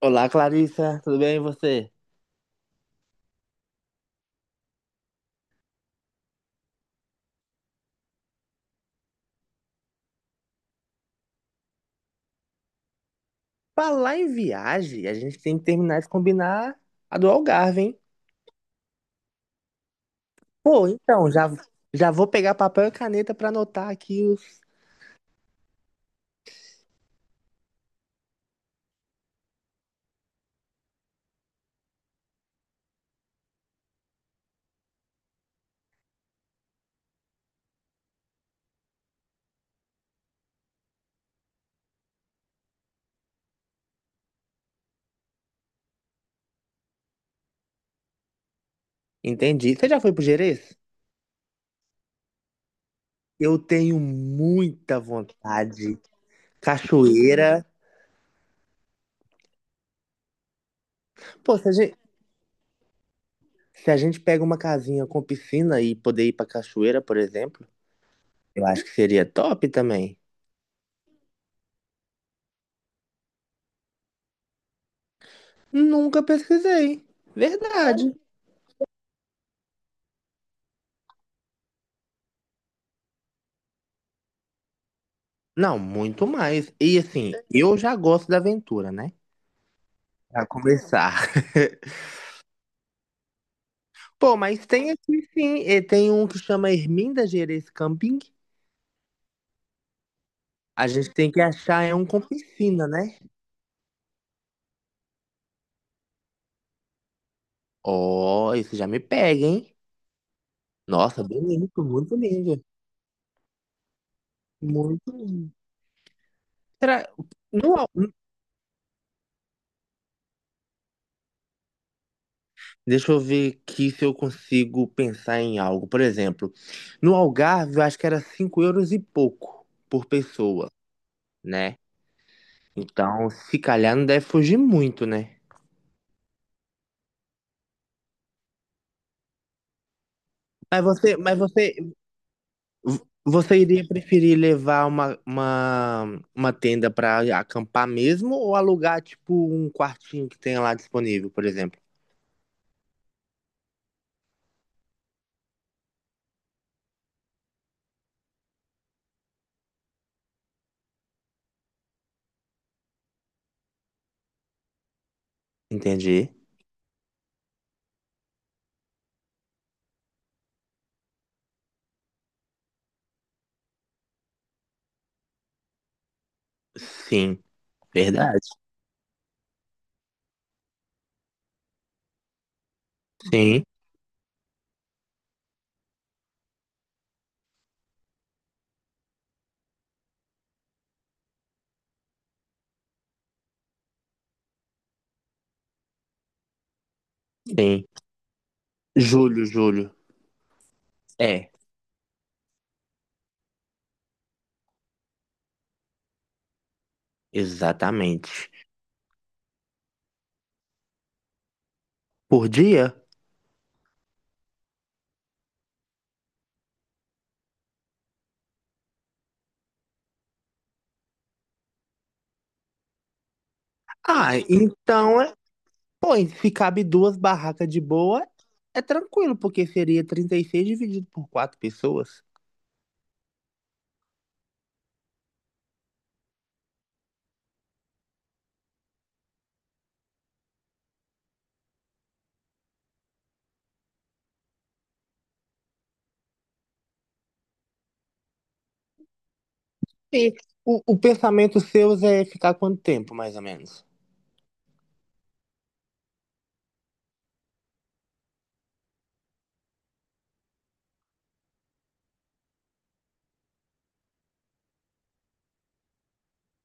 Olá, Clarissa, tudo bem e você? Falar em viagem, a gente tem que terminar de combinar a do Algarve, hein? Pô, então, já vou pegar papel e caneta pra anotar aqui os. Entendi. Você já foi pro Gerês? Eu tenho muita vontade. Cachoeira. Pô, se a gente pega uma casinha com piscina e poder ir pra cachoeira, por exemplo, eu acho que seria top também. Nunca pesquisei. Verdade. Não, muito mais. E assim, eu já gosto da aventura, né? Pra começar. Pô, mas tem aqui sim, e tem um que chama Erminda Gerês Camping. A gente tem que achar é um com piscina, né? Ó, isso já me pega, hein? Nossa, bem bonito, muito lindo. Muito lindo. Será... No... Al- Deixa eu ver aqui se eu consigo pensar em algo. Por exemplo, no Algarve eu acho que era 5 euros e pouco por pessoa, né? Então, se calhar não deve fugir muito, né? Mas você, mas você, Você iria preferir levar uma tenda para acampar mesmo ou alugar, tipo, um quartinho que tenha lá disponível, por exemplo? Entendi. Sim, verdade. Sim, sim. Julho, julho. É, exatamente. Por dia? Ah, então, é, pô, e se cabe duas barracas de boa, é tranquilo, porque seria 36 dividido por quatro pessoas. E o pensamento seu é ficar quanto tempo, mais ou menos?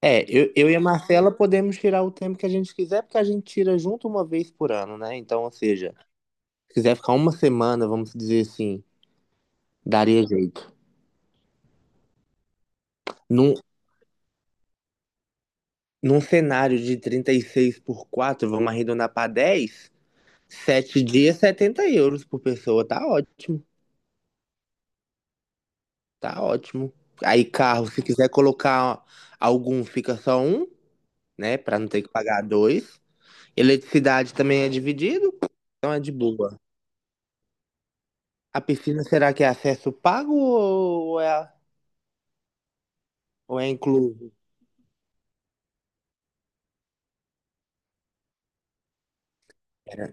É, eu e a Marcela podemos tirar o tempo que a gente quiser, porque a gente tira junto uma vez por ano, né? Então, ou seja, se quiser ficar uma semana, vamos dizer assim, daria jeito. Num, num cenário de 36 por 4, vamos arredondar para 10, 7 dias, 70 euros por pessoa. Tá ótimo, tá ótimo. Aí, carro, se quiser colocar algum, fica só um, né? Para não ter que pagar dois. Eletricidade também é dividido, então é de boa. A piscina será que é acesso pago ou é incluso? Pera.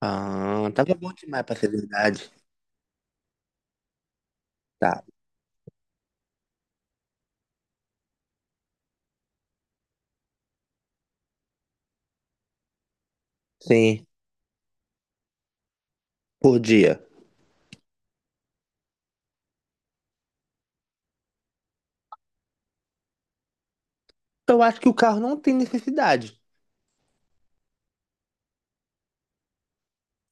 Ah, tava bom demais pra ser verdade. Tá. Sim, por dia. Então, eu acho que o carro não tem necessidade.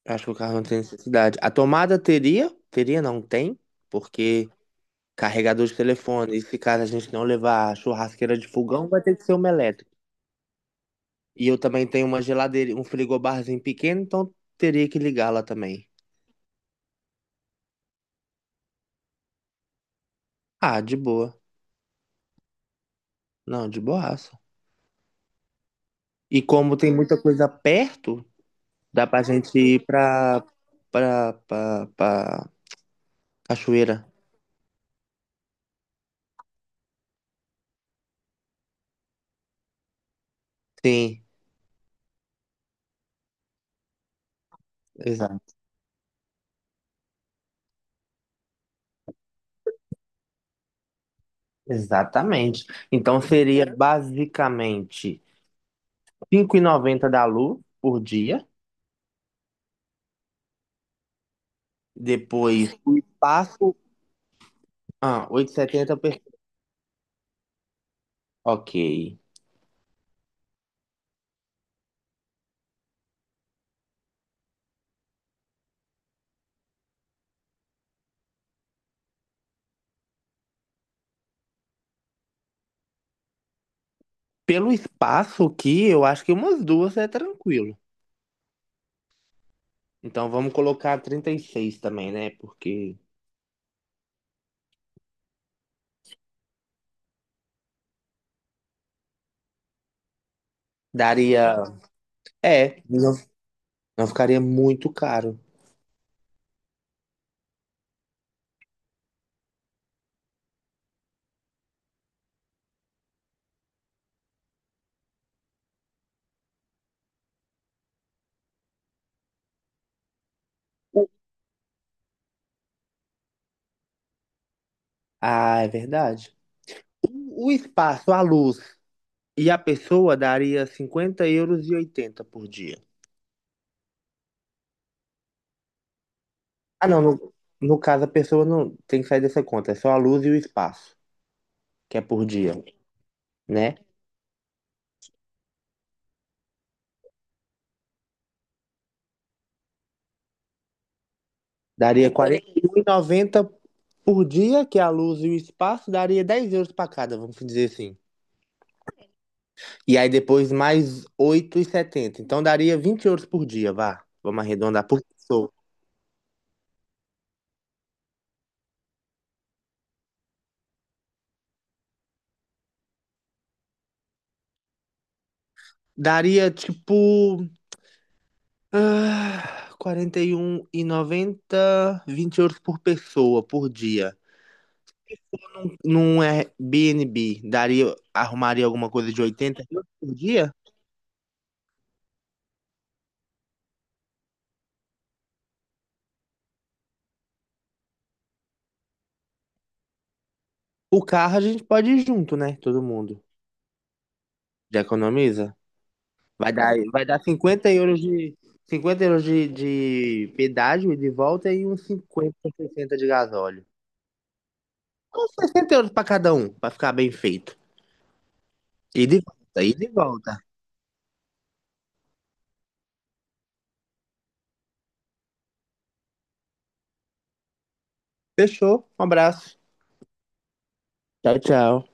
Eu acho que o carro não tem necessidade. A tomada teria? Teria, não tem, porque carregador de telefone, e se caso a gente não levar a churrasqueira de fogão, vai ter que ser uma elétrica. E eu também tenho uma geladeira, um frigobarzinho pequeno, então teria que ligar lá também. Ah, de boa. Não, de boaça. E como tem muita coisa perto, dá pra gente ir pra cachoeira. Sim, exa exatamente. Então seria basicamente 5,90 da Lu por dia. Depois o espaço. Ah, 8,70 per. Ok. Pelo espaço aqui, eu acho que umas duas é tranquilo. Então vamos colocar 36 também, né? Porque daria. É, não, não ficaria muito caro. Ah, é verdade. O espaço, a luz e a pessoa daria 50,80 euros por dia. Ah, não, no, no caso a pessoa não tem que sair dessa conta, é só a luz e o espaço, que é por dia, né? Daria 41,90 por dia, que é a luz e o espaço, daria 10 euros para cada, vamos dizer assim. E aí depois mais 8,70 então daria 20 euros por dia, vá. Vamos arredondar por pessoa. Daria tipo Ah, 41,90, 20 euros por pessoa, por dia. Num num Airbnb, daria, arrumaria alguma coisa de 80 euros por dia? O carro a gente pode ir junto, né? Todo mundo. Já economiza? Vai dar 50 euros de, 50 euros de pedágio e de volta e uns 50, 60 de gasóleo. Uns 60 euros pra cada um, pra ficar bem feito. E de volta, e de volta. Fechou? Um abraço. Tchau, tchau.